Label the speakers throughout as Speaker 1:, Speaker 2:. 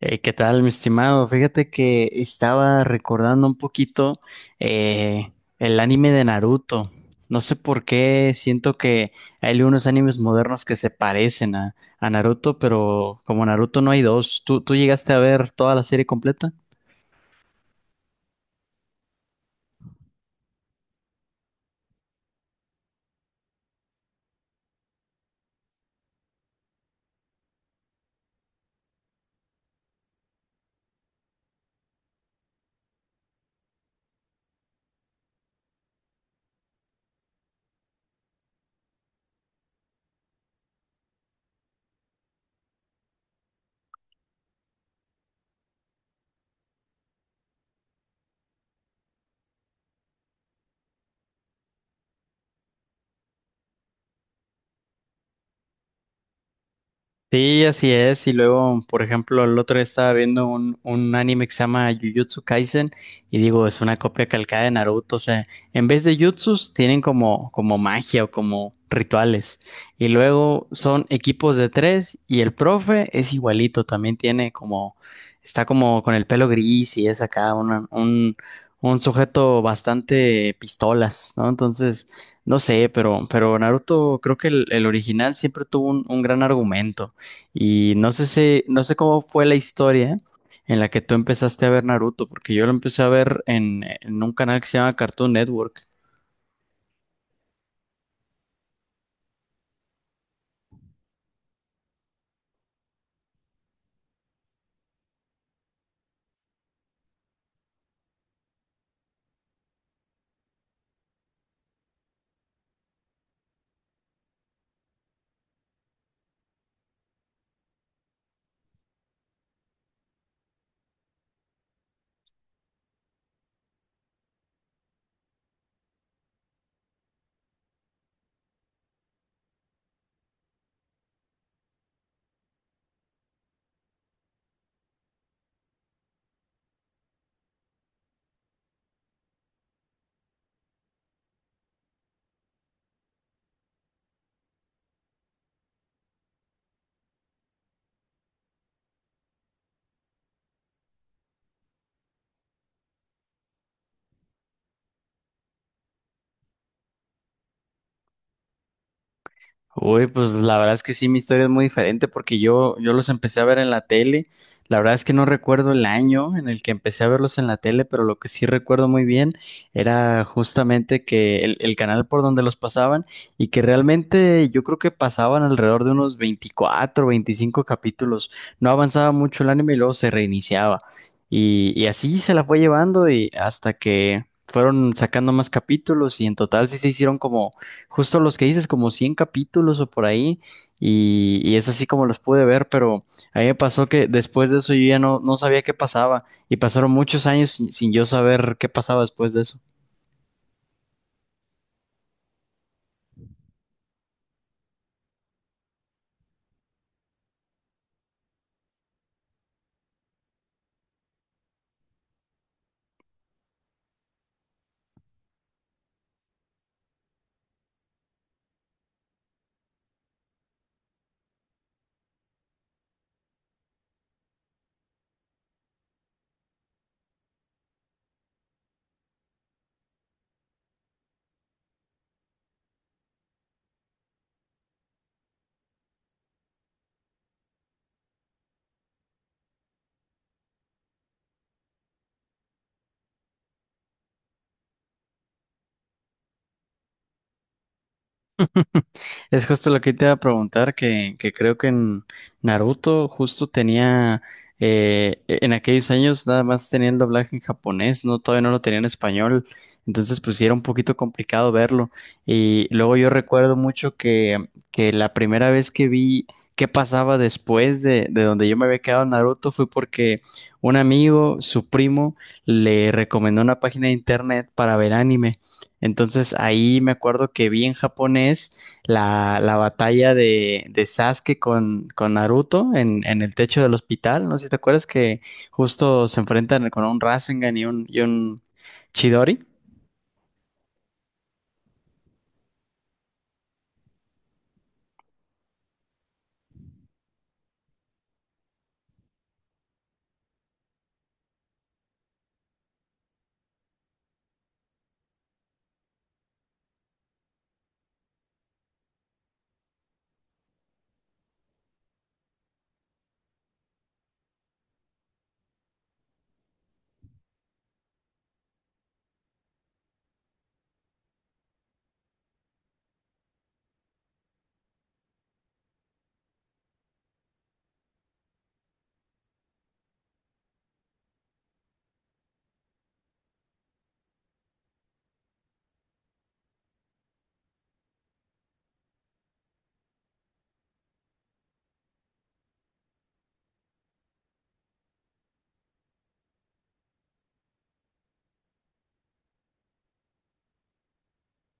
Speaker 1: ¿Qué tal, mi estimado? Fíjate que estaba recordando un poquito eh, el anime de Naruto. No sé por qué siento que hay unos animes modernos que se parecen a Naruto, pero como Naruto no hay dos. ¿Tú llegaste a ver toda la serie completa? Sí, así es. Y luego, por ejemplo, el otro día estaba viendo un anime que se llama Jujutsu Kaisen y digo, es una copia calcada de Naruto. O sea, en vez de jutsus tienen como magia o como rituales. Y luego son equipos de tres y el profe es igualito. También tiene como, está como con el pelo gris y es acá un sujeto bastante pistolas, ¿no? Entonces, no sé, pero Naruto, creo que el original siempre tuvo un gran argumento. Y no sé si, no sé cómo fue la historia en la que tú empezaste a ver Naruto, porque yo lo empecé a ver en un canal que se llama Cartoon Network. Uy, pues la verdad es que sí, mi historia es muy diferente porque yo los empecé a ver en la tele. La verdad es que no recuerdo el año en el que empecé a verlos en la tele, pero lo que sí recuerdo muy bien era justamente que el canal por donde los pasaban y que realmente yo creo que pasaban alrededor de unos 24, 25 capítulos. No avanzaba mucho el anime y luego se reiniciaba. Y así se la fue llevando y hasta que fueron sacando más capítulos y en total sí se hicieron como justo los que dices, como 100 capítulos o por ahí, y es así como los pude ver, pero a mí me pasó que después de eso yo ya no, no sabía qué pasaba, y pasaron muchos años sin yo saber qué pasaba después de eso. Es justo lo que te iba a preguntar, que creo que en Naruto justo tenía, en aquellos años nada más tenían doblaje en japonés, no, todavía no lo tenía en español, entonces pues sí era un poquito complicado verlo. Y luego yo recuerdo mucho que la primera vez que vi qué pasaba después de donde yo me había quedado en Naruto fue porque un amigo, su primo, le recomendó una página de internet para ver anime. Entonces ahí me acuerdo que vi en japonés la batalla de Sasuke con Naruto en el techo del hospital. No sé si te acuerdas que justo se enfrentan con un Rasengan y un Chidori.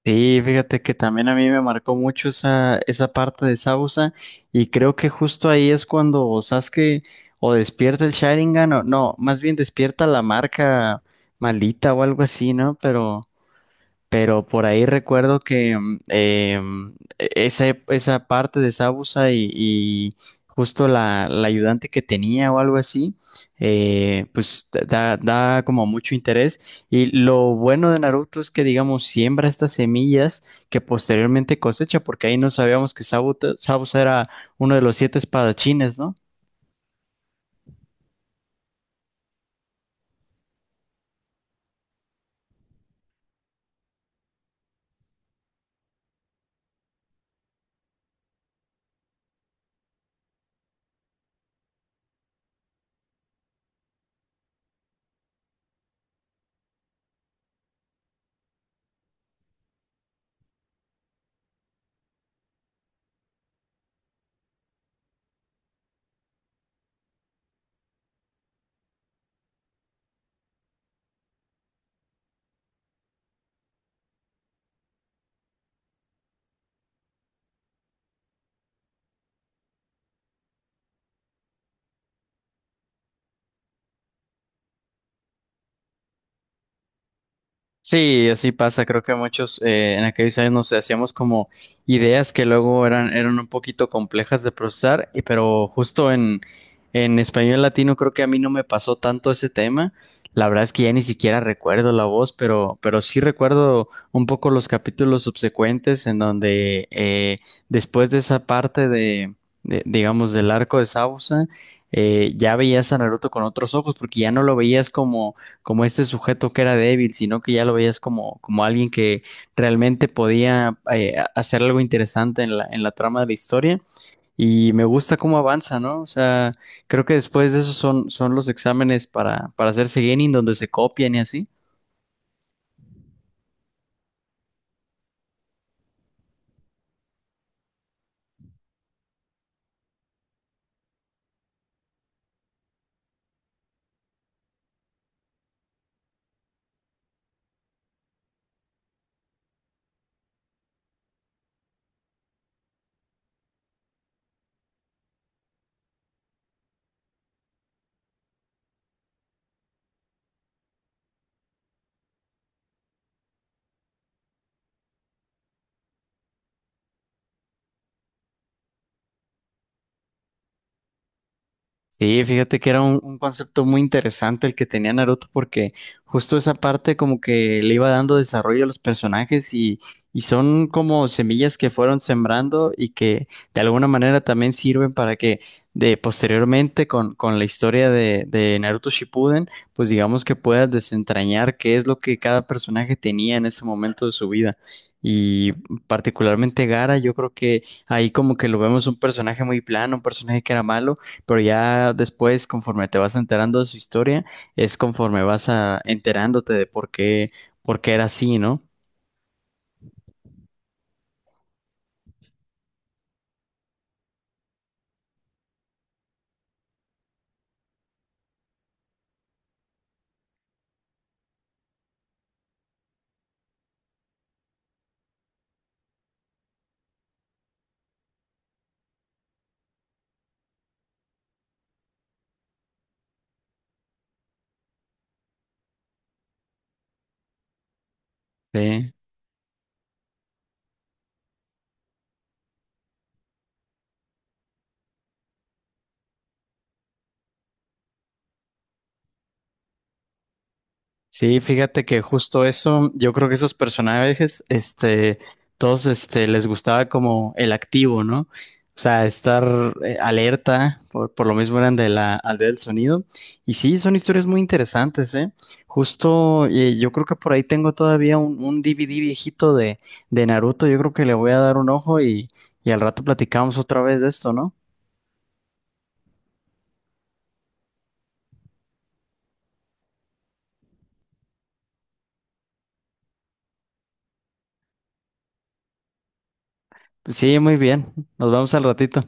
Speaker 1: Sí, fíjate que también a mí me marcó mucho esa parte de Zabuza y creo que justo ahí es cuando Sasuke o despierta el Sharingan o no, más bien despierta la marca malita o algo así, ¿no? Pero por ahí recuerdo que esa parte de Sabusa y justo la ayudante que tenía o algo así, pues da como mucho interés. Y lo bueno de Naruto es que, digamos, siembra estas semillas que posteriormente cosecha, porque ahí no sabíamos que Sabusa era uno de los siete espadachines, ¿no? Sí, así pasa. Creo que muchos en aquellos años nos hacíamos como ideas que luego eran un poquito complejas de procesar, pero justo en español latino creo que a mí no me pasó tanto ese tema. La verdad es que ya ni siquiera recuerdo la voz, pero sí recuerdo un poco los capítulos subsecuentes en donde después de esa parte de, digamos, del arco de Sausa, ya veías a Naruto con otros ojos, porque ya no lo veías como como este sujeto que era débil, sino que ya lo veías como, como alguien que realmente podía hacer algo interesante en en la trama de la historia. Y me gusta cómo avanza, ¿no? O sea, creo que después de eso son los exámenes para hacerse genin, donde se copian y así. Sí, fíjate que era un concepto muy interesante el que tenía Naruto porque justo esa parte como que le iba dando desarrollo a los personajes y son como semillas que fueron sembrando y que de alguna manera también sirven para que de posteriormente con la historia de Naruto Shippuden, pues digamos que puedas desentrañar qué es lo que cada personaje tenía en ese momento de su vida. Y particularmente Gara yo creo que ahí como que lo vemos un personaje muy plano, un personaje que era malo pero ya después, conforme te vas enterando de su historia, es conforme vas a, enterándote de por qué era así, ¿no? Sí. Sí, fíjate que justo eso, yo creo que esos personajes, este, todos, este, les gustaba como el activo, ¿no? O sea, estar alerta, por lo mismo eran de la aldea del sonido. Y sí, son historias muy interesantes, ¿eh? Justo, yo creo que por ahí tengo todavía un DVD viejito de Naruto, yo creo que le voy a dar un ojo y al rato platicamos otra vez de esto, ¿no? Sí, muy bien, nos vemos al ratito.